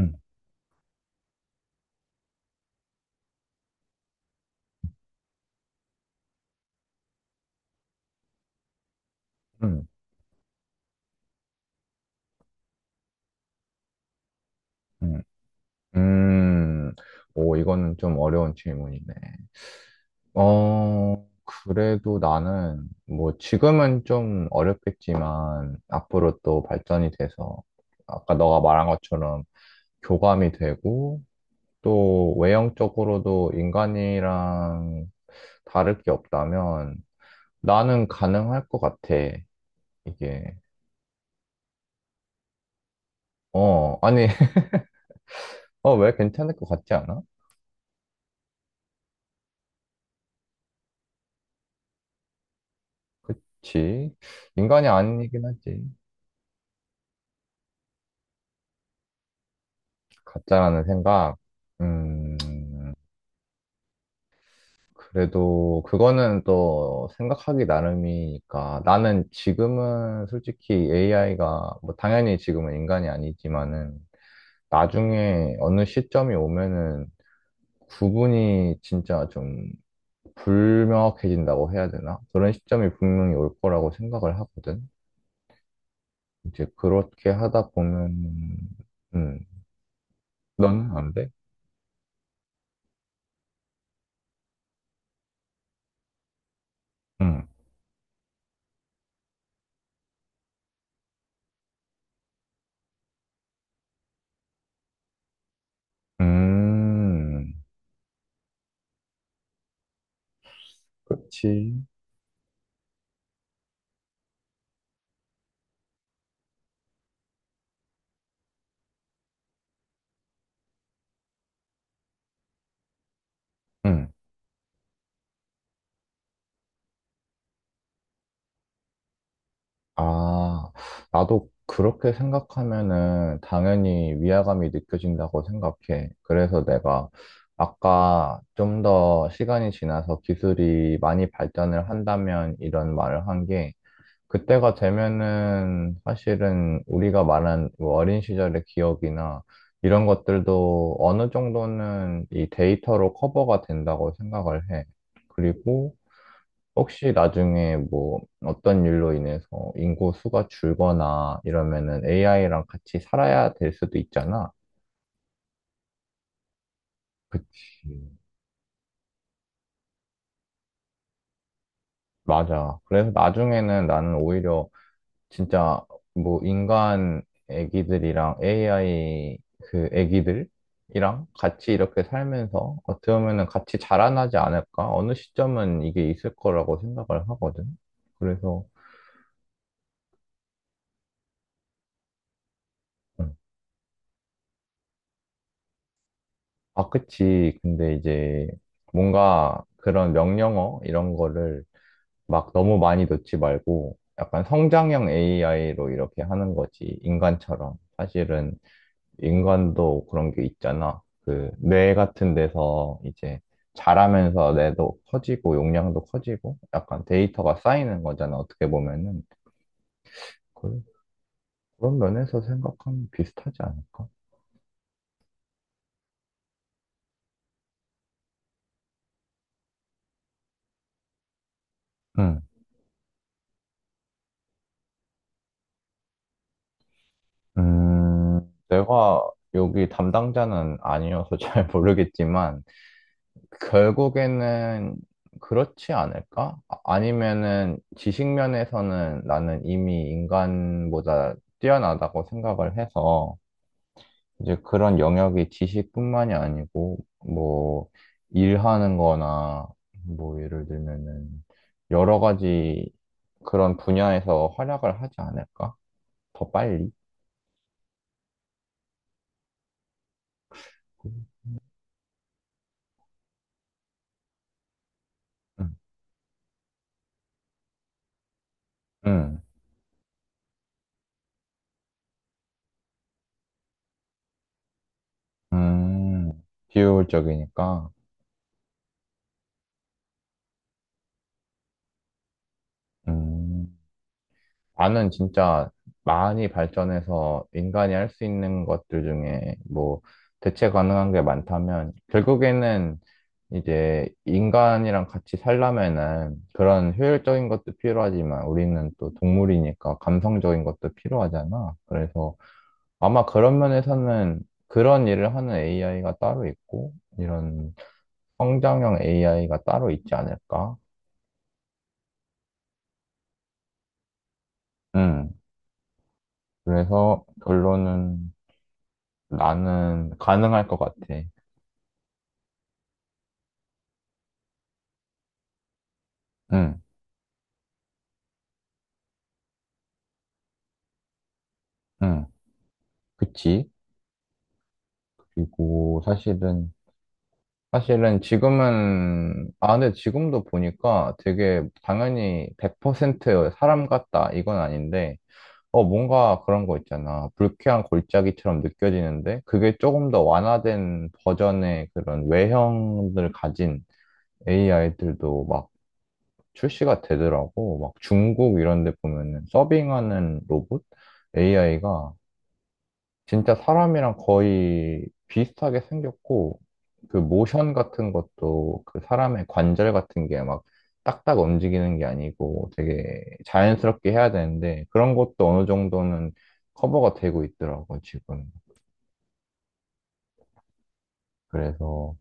음, 음, 음, 음. 오, 이거는 좀 어려운 질문이네. 어, 그래도 나는, 뭐, 지금은 좀 어렵겠지만, 앞으로 또 발전이 돼서, 아까 너가 말한 것처럼 교감이 되고, 또 외형적으로도 인간이랑 다를 게 없다면, 나는 가능할 것 같아, 이게. 어, 아니, 어, 왜 괜찮을 것 같지 않아? 그치. 인간이 아니긴 하지. 가짜라는 생각. 음, 그래도 그거는 또 생각하기 나름이니까. 나는 지금은 솔직히 AI가, 뭐 당연히 지금은 인간이 아니지만은 나중에 어느 시점이 오면은 구분이 진짜 좀 불명확해진다고 해야 되나? 그런 시점이 분명히 올 거라고 생각을 하거든. 이제 그렇게 하다 보면, 음, 너는 안 돼? 응. 음, 그렇지. 응. 아, 나도 그렇게 생각하면은 당연히 위화감이 느껴진다고 생각해. 그래서 내가 아까 좀 더 시간이 지나서 기술이 많이 발전을 한다면 이런 말을 한 게, 그때가 되면은 사실은 우리가 말한 뭐 어린 시절의 기억이나 이런 것들도 어느 정도는 이 데이터로 커버가 된다고 생각을 해. 그리고 혹시 나중에 뭐 어떤 일로 인해서 인구 수가 줄거나 이러면은 AI랑 같이 살아야 될 수도 있잖아. 그치. 맞아. 그래서 나중에는 나는 오히려 진짜 뭐 인간 애기들이랑 AI 그 애기들이랑 같이 이렇게 살면서 어떻게 보면은 같이 자라나지 않을까? 어느 시점은 이게 있을 거라고 생각을 하거든. 그래서 음, 아, 그치. 근데 이제 뭔가 그런 명령어 이런 거를 막 너무 많이 넣지 말고 약간 성장형 AI로 이렇게 하는 거지. 인간처럼. 사실은 인간도 그런 게 있잖아. 그 뇌 같은 데서 이제 자라면서 뇌도 커지고 용량도 커지고 약간 데이터가 쌓이는 거잖아. 어떻게 보면은. 그- 그런 면에서 생각하면 비슷하지 않을까? 음, 내가 여기 담당자는 아니어서 잘 모르겠지만, 결국에는 그렇지 않을까? 아니면은 지식면에서는 나는 이미 인간보다 뛰어나다고 생각을 해서, 이제 그런 영역이 지식뿐만이 아니고, 뭐, 일하는 거나, 뭐, 예를 들면은, 여러 가지 그런 분야에서 활약을 하지 않을까? 더 빨리? 응. 음, 비효율적이니까. 음, 나는 진짜 많이 발전해서 인간이 할 수 있는 것들 중에 뭐 대체 가능한 게 많다면 결국에는 이제 인간이랑 같이 살려면은 그런 효율적인 것도 필요하지만 우리는 또 동물이니까 감성적인 것도 필요하잖아. 그래서 아마 그런 면에서는 그런 일을 하는 AI가 따로 있고 이런 성장형 AI가 따로 있지 않을까? 음. 그래서 결론은 나는 가능할 것 같아. 응, 응, 그치. 그리고 사실은 지금은, 아, 근데 지금도 보니까 되게 당연히 100% 사람 같다, 이건 아닌데, 어, 뭔가 그런 거 있잖아. 불쾌한 골짜기처럼 느껴지는데, 그게 조금 더 완화된 버전의 그런 외형을 가진 AI들도 출시가 되더라고. 막 중국 이런 데 보면은 서빙하는 로봇 AI가 진짜 사람이랑 거의 비슷하게 생겼고 그 모션 같은 것도 그 사람의 관절 같은 게 막 딱딱 움직이는 게 아니고 되게 자연스럽게 해야 되는데 그런 것도 어느 정도는 커버가 되고 있더라고, 지금. 그래서,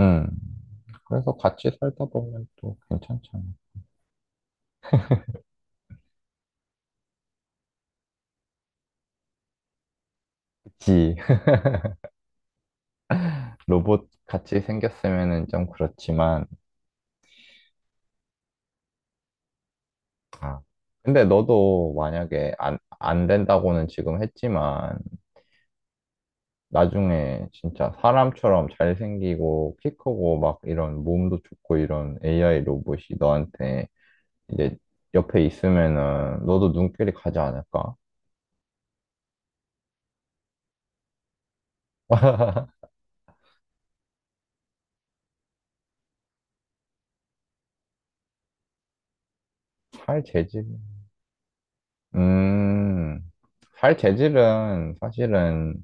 음. 그래서 같이 살다 보면 또 괜찮잖아. 그치. 로봇 같이 생겼으면은 좀 그렇지만, 아, 근데 너도 만약에 안 된다고는 지금 했지만, 나중에 진짜 사람처럼 잘생기고, 키 크고, 막 이런 몸도 좋고, 이런 AI 로봇이 너한테 이제 옆에 있으면은 너도 눈길이 가지 않을까? 살 재질. 음, 살 재질은 사실은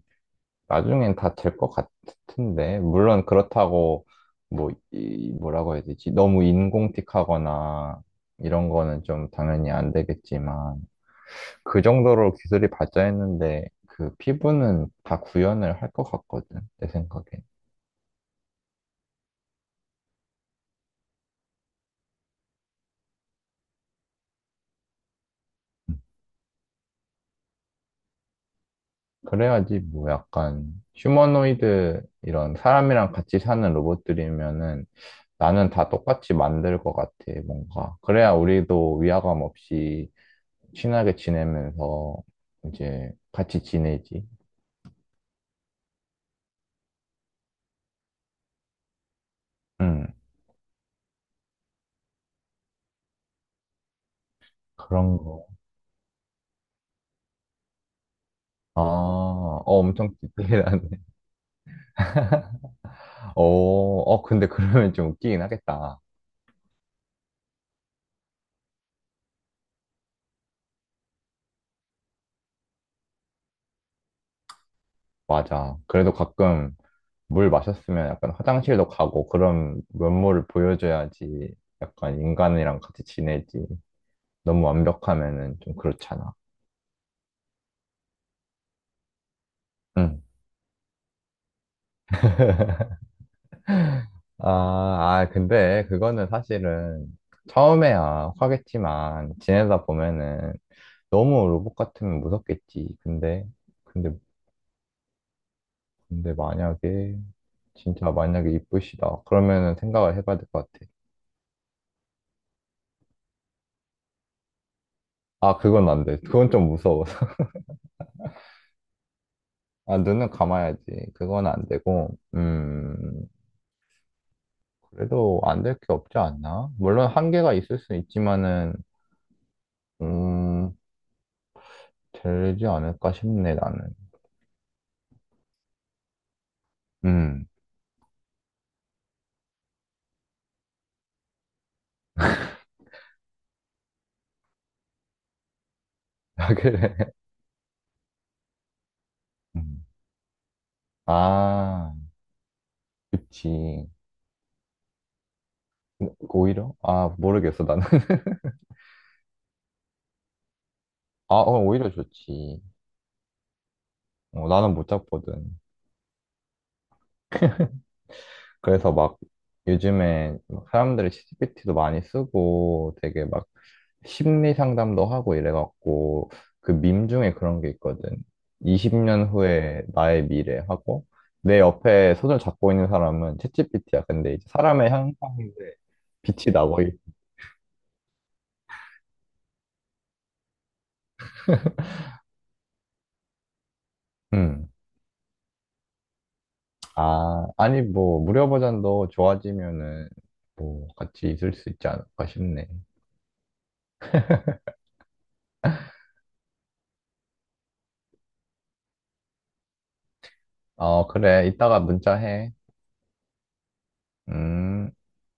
나중엔 다 될 것 같은데, 물론 그렇다고, 뭐, 이, 뭐라고 해야 되지? 너무 인공틱하거나, 이런 거는 좀 당연히 안 되겠지만, 그 정도로 기술이 발전했는데, 그 피부는 다 구현을 할 것 같거든, 내 생각에. 음. 그래야지, 뭐, 약간, 휴머노이드, 이런 사람이랑 같이 사는 로봇들이면은, 나는 다 똑같이 만들 것 같아, 뭔가. 그래야 우리도 위화감 없이, 친하게 지내면서 이제 같이 지내지. 응, 그런 거. 아, 어, 엄청 디테일하네. 어, 어, 근데 그러면 좀 웃기긴 하겠다. 맞아. 그래도 가끔 물 마셨으면 약간 화장실도 가고 그런 면모를 보여줘야지 약간 인간이랑 같이 지내지. 너무 완벽하면은 좀 그렇잖아. 응. 아, 아, 근데 그거는 사실은 처음에야 화겠지만 지내다 보면은 너무 로봇 같으면 무섭겠지. 근데, 근데 만약에, 진짜 만약에 이쁘시다. 그러면은 생각을 해봐야 될 것 같아. 아, 그건 안 돼. 그건 좀 무서워. 아, 눈은 감아야지. 그건 안 되고, 그래도 안될게 없지 않나? 물론 한계가 있을 수 있지만은, 음, 되지 않을까 싶네, 나는. 음, 아, 그래. 음. 아, 그치. 오히려? 아, 모르겠어, 나는. 아, 어, 오히려 좋지. 어, 나는 못 잡거든. 그래서 막 요즘에 막 사람들이 ChatGPT도 많이 쓰고 되게 막 심리 상담도 하고 이래갖고 그 밈 중에 그런 게 있거든. 20년 후에 나의 미래 하고 내 옆에 손을 잡고 있는 사람은 챗GPT야. 근데 이제 사람의 형상인데 빛이 나고 있... 음. 아, 아니 뭐 무료 버전도 좋아지면은 뭐 같이 있을 수 있지 않을까 싶네. 어, 그래. 이따가 문자해. 음.